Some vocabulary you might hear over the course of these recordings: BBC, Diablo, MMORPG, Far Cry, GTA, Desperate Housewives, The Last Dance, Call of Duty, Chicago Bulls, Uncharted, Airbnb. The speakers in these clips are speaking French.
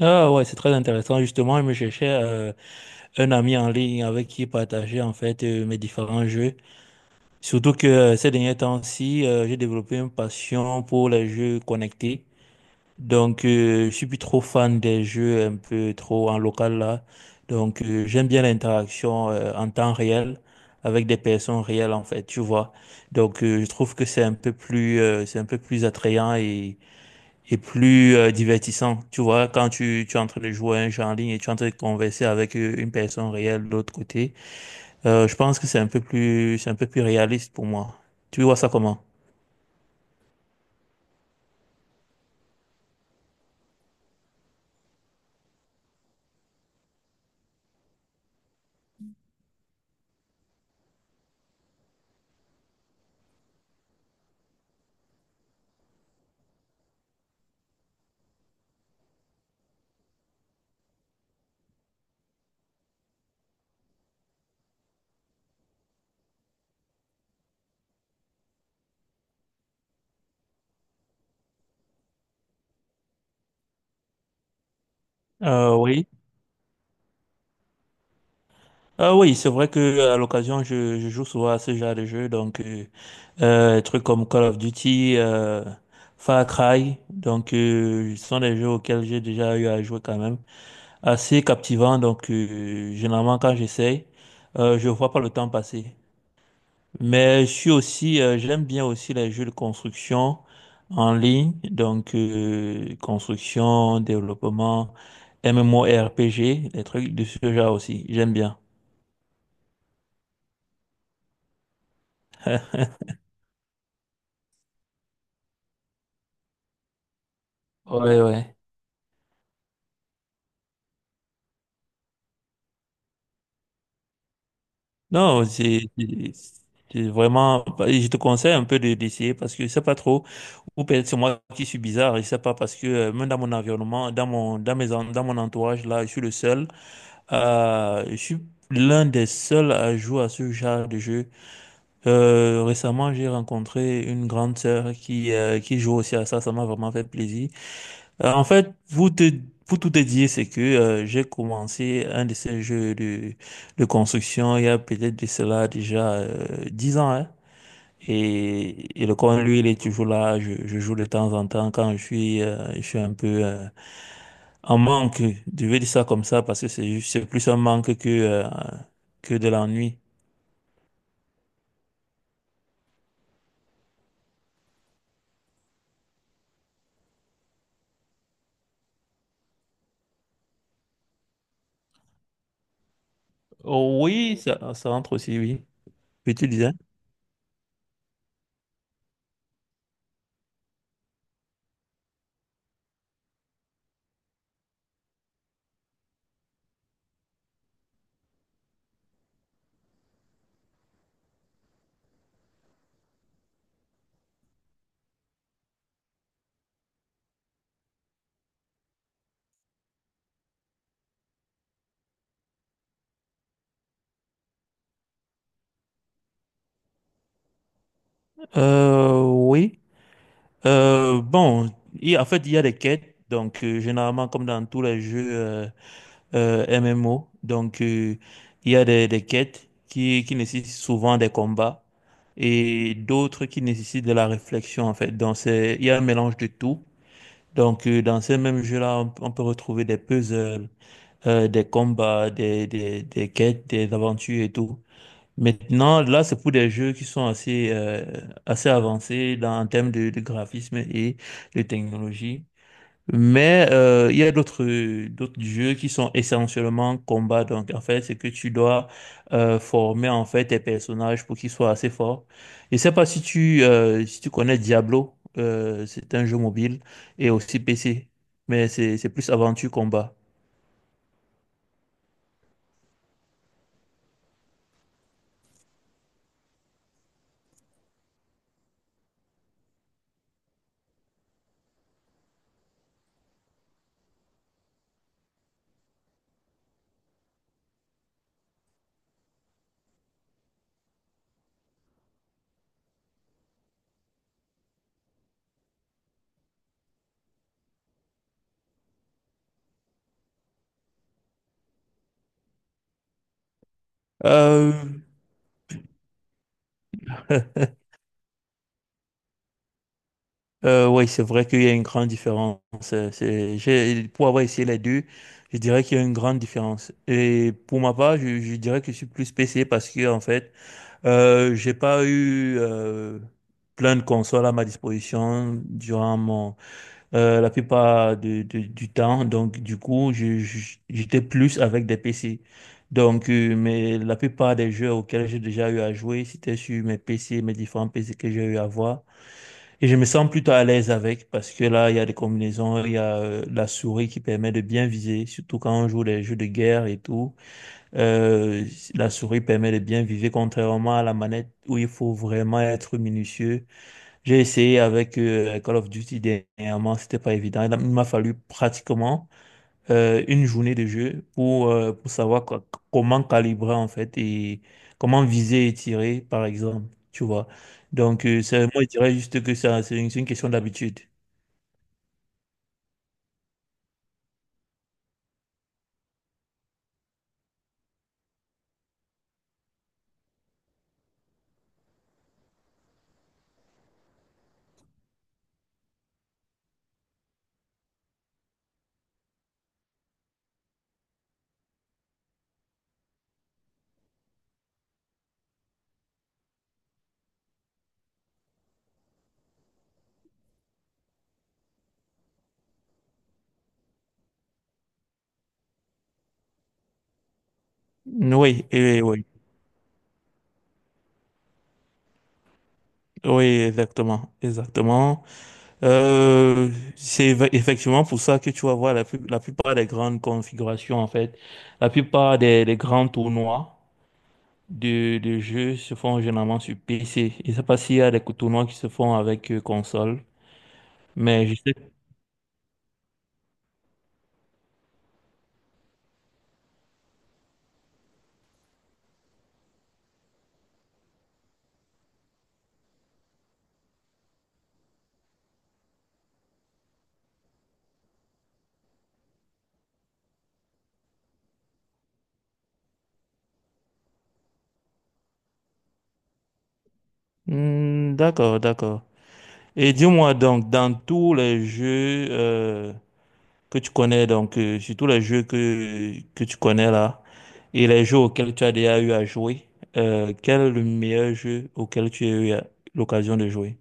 Ah ouais, c'est très intéressant. Justement, je me cherchais un ami en ligne avec qui partager en fait mes différents jeux. Surtout que ces derniers temps-ci, j'ai développé une passion pour les jeux connectés. Donc, je suis plus trop fan des jeux un peu trop en local là. Donc, j'aime bien l'interaction en temps réel avec des personnes réelles en fait, tu vois. Donc, je trouve que c'est un peu plus attrayant et plus divertissant. Tu vois, quand tu es en train de jouer à un jeu en ligne et tu es en train de converser avec une personne réelle de l'autre côté, je pense que c'est un peu plus réaliste pour moi. Tu vois ça comment? Oui. Ah oui, c'est vrai que à l'occasion, je joue souvent à ce genre de jeu, donc des trucs comme Call of Duty, Far Cry, donc ce sont des jeux auxquels j'ai déjà eu à jouer quand même, assez captivant, donc généralement quand j'essaye, je vois pas le temps passer. Mais je suis aussi, j'aime bien aussi les jeux de construction en ligne, donc construction, développement, MMORPG, des trucs de ce genre aussi. J'aime bien. Ouais, ouais. Non, c'est vraiment. Je te conseille un peu de d'essayer parce que je sais pas trop. Ou peut-être c'est moi qui suis bizarre. Je sais pas parce que même dans mon environnement, dans mon dans mes en- dans mon entourage là, je suis le seul. Je suis l'un des seuls à jouer à ce genre de jeu. Récemment, j'ai rencontré une grande sœur qui joue aussi à ça. Ça m'a vraiment fait plaisir. En fait, pour tout te dire, c'est que j'ai commencé un de ces jeux de construction il y a peut-être de cela déjà 10 ans, hein. Et le coin, lui, il est toujours là. Je joue de temps en temps quand je suis un peu en manque. Je vais dire ça comme ça parce que c'est plus un manque que de l'ennui. Oh, oui, ça entre aussi, oui. Puis tu disais? Oui. Bon, en fait, il y a des quêtes. Donc, généralement, comme dans tous les jeux MMO, donc il y a des quêtes qui nécessitent souvent des combats et d'autres qui nécessitent de la réflexion, en fait. Donc, il y a un mélange de tout. Donc, dans ces mêmes jeux-là, on peut retrouver des puzzles, des combats, des quêtes, des aventures et tout. Maintenant, là, c'est pour des jeux qui sont assez avancés en termes de graphisme et de technologie. Mais il y a d'autres jeux qui sont essentiellement combat. Donc, en fait, c'est que tu dois former en fait tes personnages pour qu'ils soient assez forts. Je sais pas si tu connais Diablo. C'est un jeu mobile et aussi PC, mais c'est plus aventure combat. Euh, oui, c'est vrai qu'il y a une grande différence. Pour avoir essayé les deux, je dirais qu'il y a une grande différence. Et pour ma part, je dirais que je suis plus PC parce que, en fait, j'ai pas eu plein de consoles à ma disposition durant la plupart du temps. Donc, du coup, j'étais plus avec des PC. Donc, mais la plupart des jeux auxquels j'ai déjà eu à jouer, c'était sur mes PC, mes différents PC que j'ai eu à voir. Et je me sens plutôt à l'aise avec parce que là, il y a des combinaisons, il y a la souris qui permet de bien viser, surtout quand on joue les jeux de guerre et tout. Euh, la souris permet de bien viser, contrairement à la manette où il faut vraiment être minutieux. J'ai essayé avec Call of Duty dernièrement, c'était pas évident. Il m'a fallu pratiquement une journée de jeu pour savoir comment calibrer en fait et comment viser et tirer, par exemple. Tu vois. Donc, moi, je dirais juste que ça, c'est une question d'habitude. Oui, et oui, oui, exactement, exactement. Euh, Effectivement pour ça que tu vas voir la plupart des grandes configurations, en fait, la plupart des grands tournois de jeux se font généralement sur PC. Je ne sais pas s'il y a des tournois qui se font avec console, mais je sais. Hmm, d'accord, d'accord. Et dis-moi donc, dans tous les jeux que tu connais, donc sur tous les jeux que tu connais là, et les jeux auxquels tu as déjà eu à jouer, quel est le meilleur jeu auquel tu as eu l'occasion de jouer?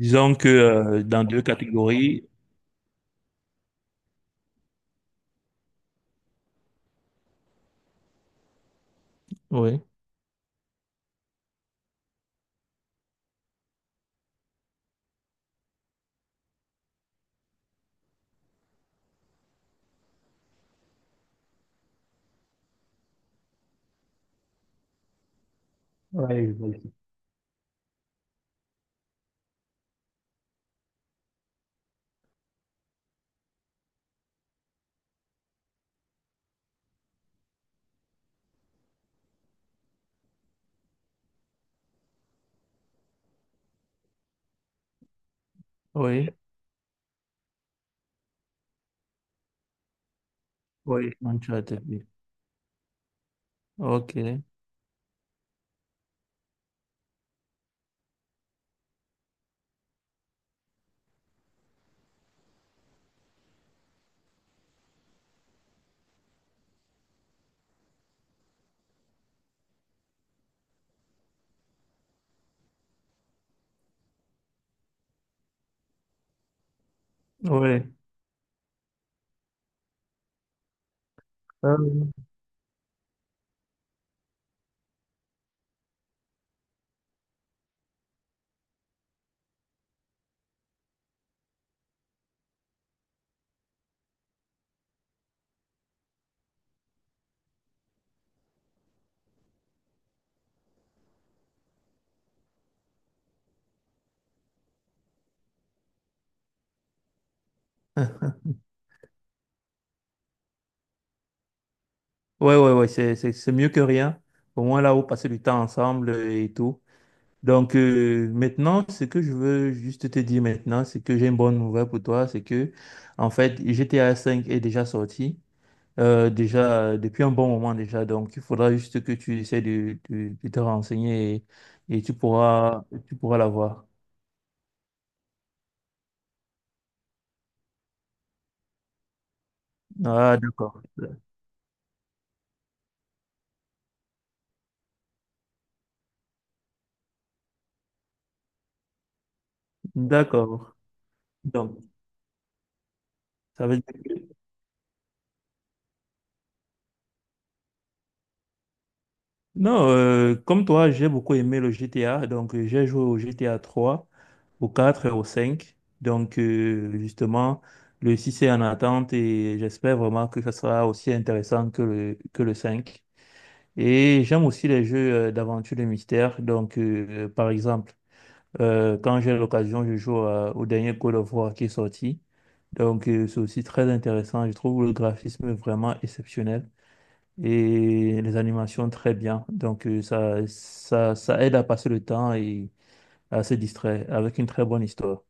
Disons que dans deux catégories. Oui. Ouais, je. Oui, oui, Uncharted, oui. Ok. Oui. Euh, Ouais, ouais, ouais, c'est mieux que rien. Au moins là, vous passez du temps ensemble et tout. Donc maintenant, ce que je veux juste te dire maintenant, c'est que j'ai une bonne nouvelle pour toi, c'est que en fait GTA 5 est déjà sorti, déjà depuis un bon moment déjà. Donc il faudra juste que tu essaies de te renseigner et tu pourras l'avoir. Ah d'accord, d'accord. Donc ça veut dire. Non, comme toi, j'ai beaucoup aimé le GTA. Donc, j'ai joué au GTA 3, au 4 et au 5. Donc, justement, le 6 est en attente et j'espère vraiment que ça sera aussi intéressant que que le 5. Et j'aime aussi les jeux d'aventure de mystère. Donc, par exemple, quand j'ai l'occasion, je joue au dernier Call of War qui est sorti. Donc, c'est aussi très intéressant. Je trouve le graphisme vraiment exceptionnel et les animations très bien. Donc ça aide à passer le temps et à se distraire avec une très bonne histoire.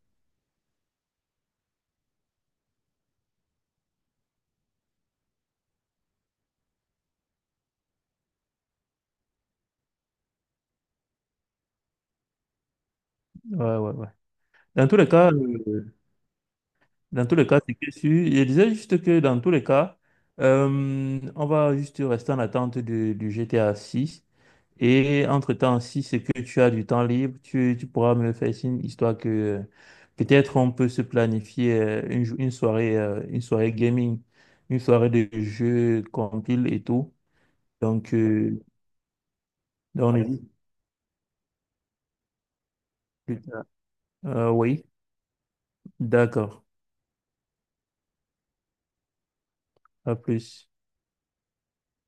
Ouais, ouais, ouais. Dans tous les cas, c'est que si- Je disais juste que dans tous les cas, on va juste rester en attente du GTA 6. Et entre-temps, si c'est que tu as du temps libre, tu pourras me le faire signe, histoire que peut-être on peut se planifier une soirée, une soirée gaming, une soirée de jeux compile et tout. Donc, on est plus tard. Oui, d'accord. À plus.